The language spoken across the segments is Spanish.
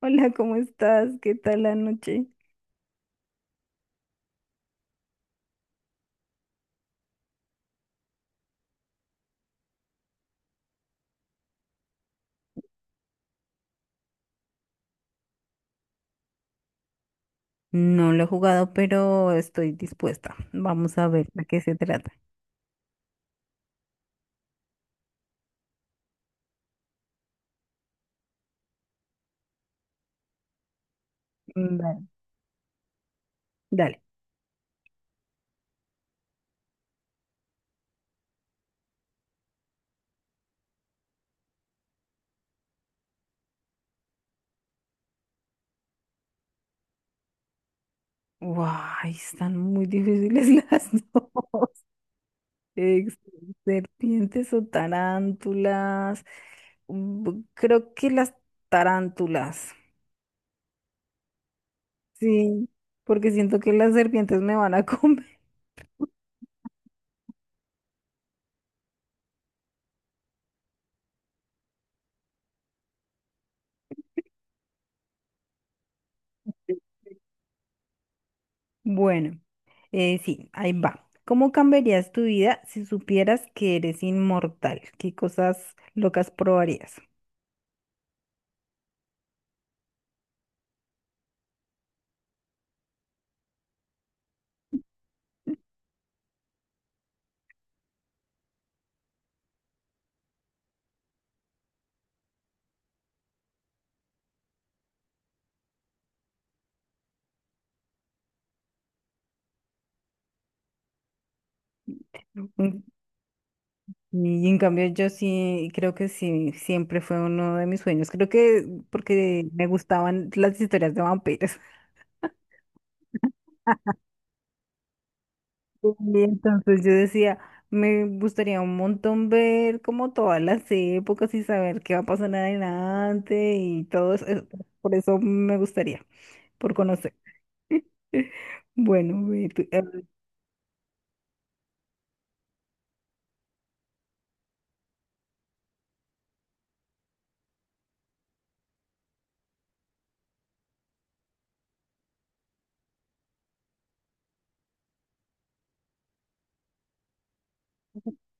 Hola, ¿cómo estás? ¿Qué tal la noche? No lo he jugado, pero estoy dispuesta. Vamos a ver de qué se trata. Vale. Dale. Guay, están muy difíciles las dos. Ex- Serpientes o tarántulas. Creo que las tarántulas. Sí, porque siento que las serpientes me van a comer. Bueno. Sí, ahí va. ¿Cómo cambiarías tu vida si supieras que eres inmortal? ¿Qué cosas locas probarías? Mm, Y en cambio yo sí creo que sí, siempre fue uno de mis sueños. Creo que porque me gustaban las historias de vampiros. Y entonces yo decía, me gustaría un montón ver como todas las épocas y saber qué va a pasar adelante y todo eso. Por eso me gustaría, por conocer. Bueno, ve tú.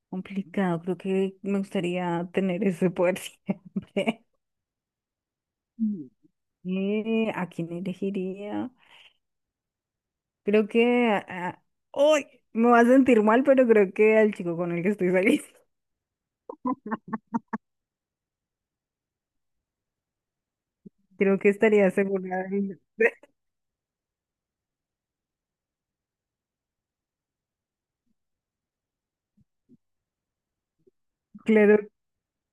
Complicado, creo que me gustaría tener ese poder siempre. Mm. ¿A quién elegiría? Creo que... ¡Ay! Me va a sentir mal, pero creo que al chico con el que estoy saliendo. Creo que estaría segura. Claro,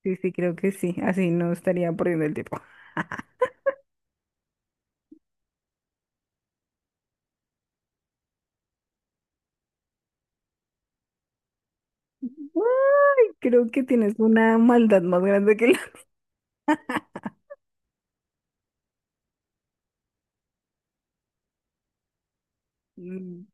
sí, sí, creo que sí. Así no estaría perdiendo el tiempo. ¡Ay! Creo que tienes una maldad más grande que la... Mm,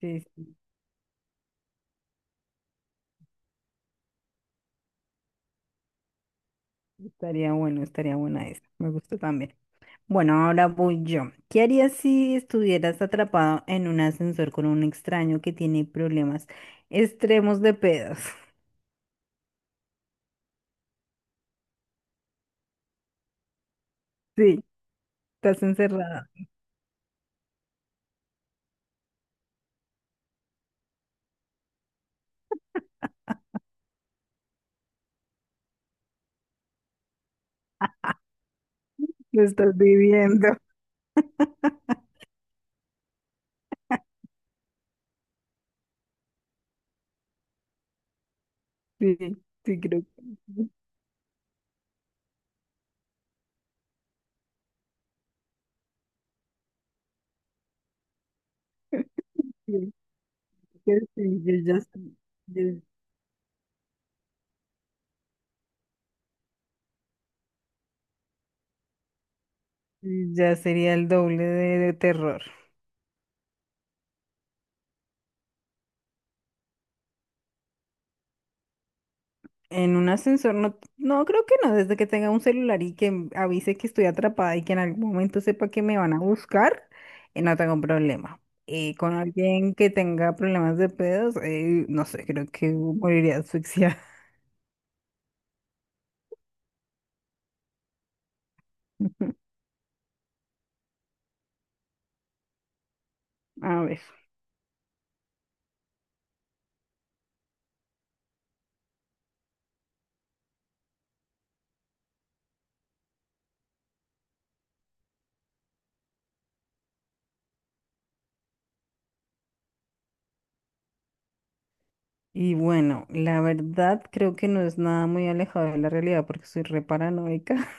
Sí, sí, estaría bueno, estaría buena esa. Me gusta también. Bueno, ahora voy yo. ¿Qué harías si estuvieras atrapado en un ascensor con un extraño que tiene problemas extremos de pedos? Sí, estás encerrada, lo estás viviendo. Sí, sí, creo que sí, creo que sí, yo ya, yo- yo ya sería el doble de terror. En un ascensor, no, no, creo que no, desde que tenga un celular y que avise que estoy atrapada y que en algún momento sepa que me van a buscar. No tengo problema. Con alguien que tenga problemas de pedos, no sé, creo que moriría asfixiada. A ver. Y bueno, la verdad creo que no es nada muy alejado de la realidad porque soy re paranoica.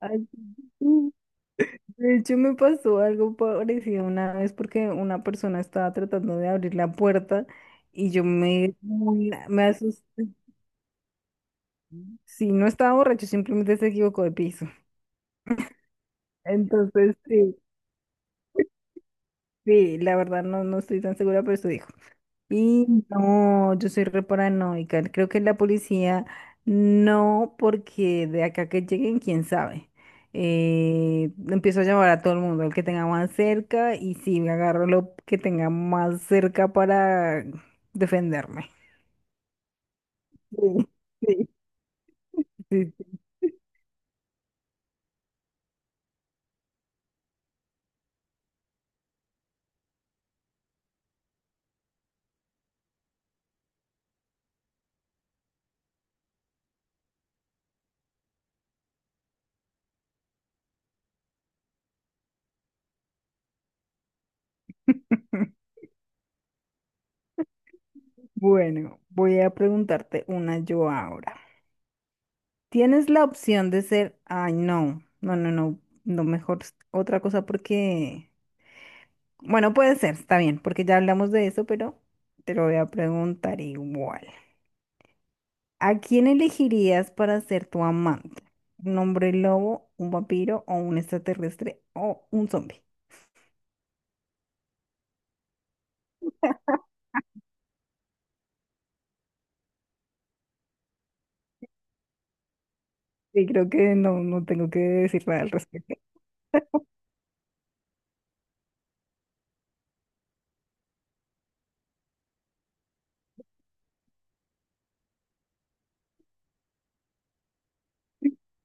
Ay, sí. De hecho, me pasó algo parecido una vez porque una persona estaba tratando de abrir la puerta y me asusté. Sí, no estaba borracho, simplemente se equivocó de piso. Entonces, sí, sí, la verdad no, no estoy tan segura, pero estoy. Y no, yo soy re paranoica. Creo que la policía no, porque de acá que lleguen, quién sabe. Empiezo a llamar a todo el mundo, al que tenga más cerca, y sí, me agarro lo que tenga más cerca para defenderme. Sí, sí, sí, sí. Bueno, voy a preguntarte una yo ahora. ¿Tienes la opción de ser, ay, no, no, no, no, no, mejor otra cosa porque... Bueno, puede ser, está bien, porque ya hablamos de eso, pero te lo voy a preguntar igual. ¿A quién elegirías para ser tu amante? ¿Un hombre lobo, un vampiro o un extraterrestre o un zombie? Sí, creo que no, no tengo que decir nada al respecto.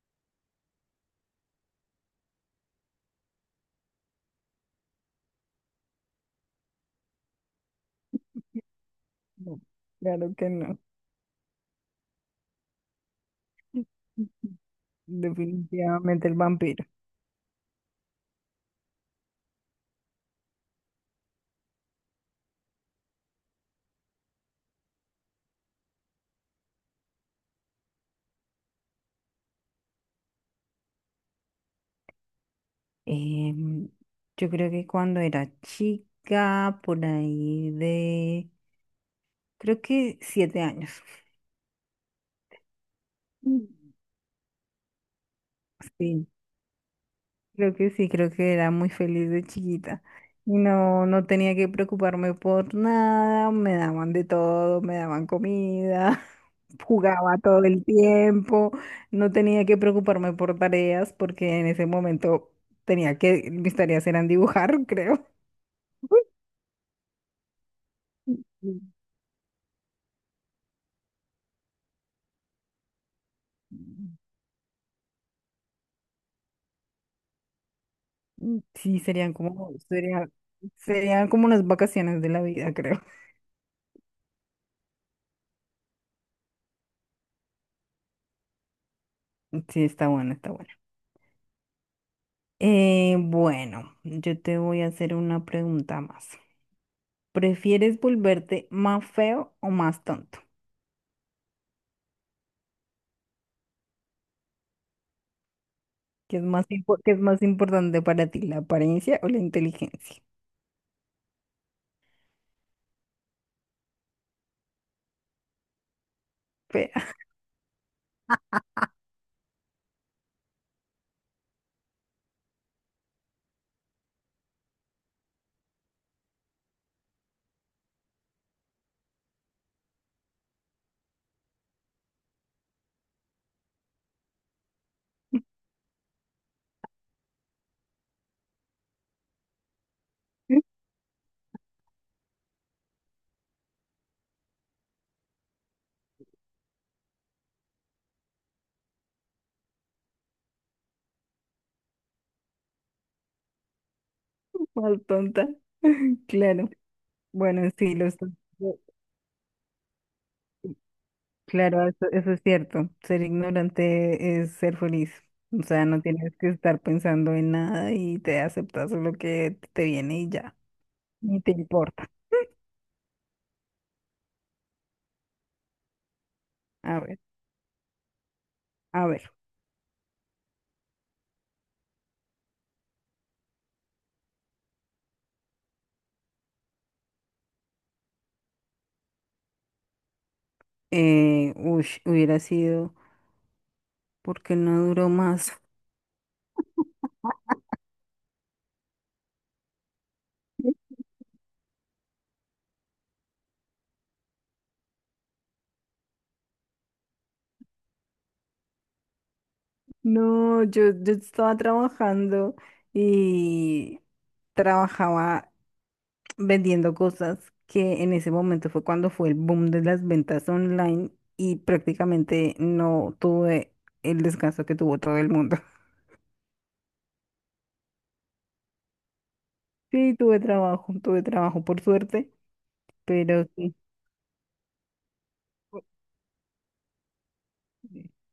No, claro que no. Definitivamente el vampiro. Em, yo creo que cuando era chica, por ahí de, creo que 7 años. Mm. Sí, creo que sí, creo que era muy feliz de chiquita. Y no, no tenía que preocuparme por nada, me daban de todo, me daban comida, jugaba todo el tiempo, no tenía que preocuparme por tareas porque en ese momento tenía que, mis tareas eran dibujar, creo. Sí, serían como, sería, serían como unas vacaciones de la vida, creo. Sí, está bueno, está bueno. Bueno, yo te voy a hacer una pregunta más. ¿Prefieres volverte más feo o más tonto? ¿Qué es más, qué es más importante para ti, la apariencia o la inteligencia? Fea, más tonta. Claro. Bueno, sí, los tontos. Claro, eso es cierto. Ser ignorante es ser feliz. O sea, no tienes que estar pensando en nada y te aceptas lo que te viene y ya. Ni te importa. A ver, a ver. Hubiera sido, ¿por qué no duró más? No, yo estaba trabajando y trabajaba vendiendo cosas que en ese momento fue cuando fue el boom de las ventas online y prácticamente no tuve el descanso que tuvo todo el mundo. Sí, tuve trabajo por suerte, pero sí.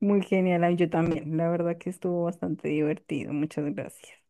Muy genial, ay, yo también. La verdad que estuvo bastante divertido. Muchas gracias.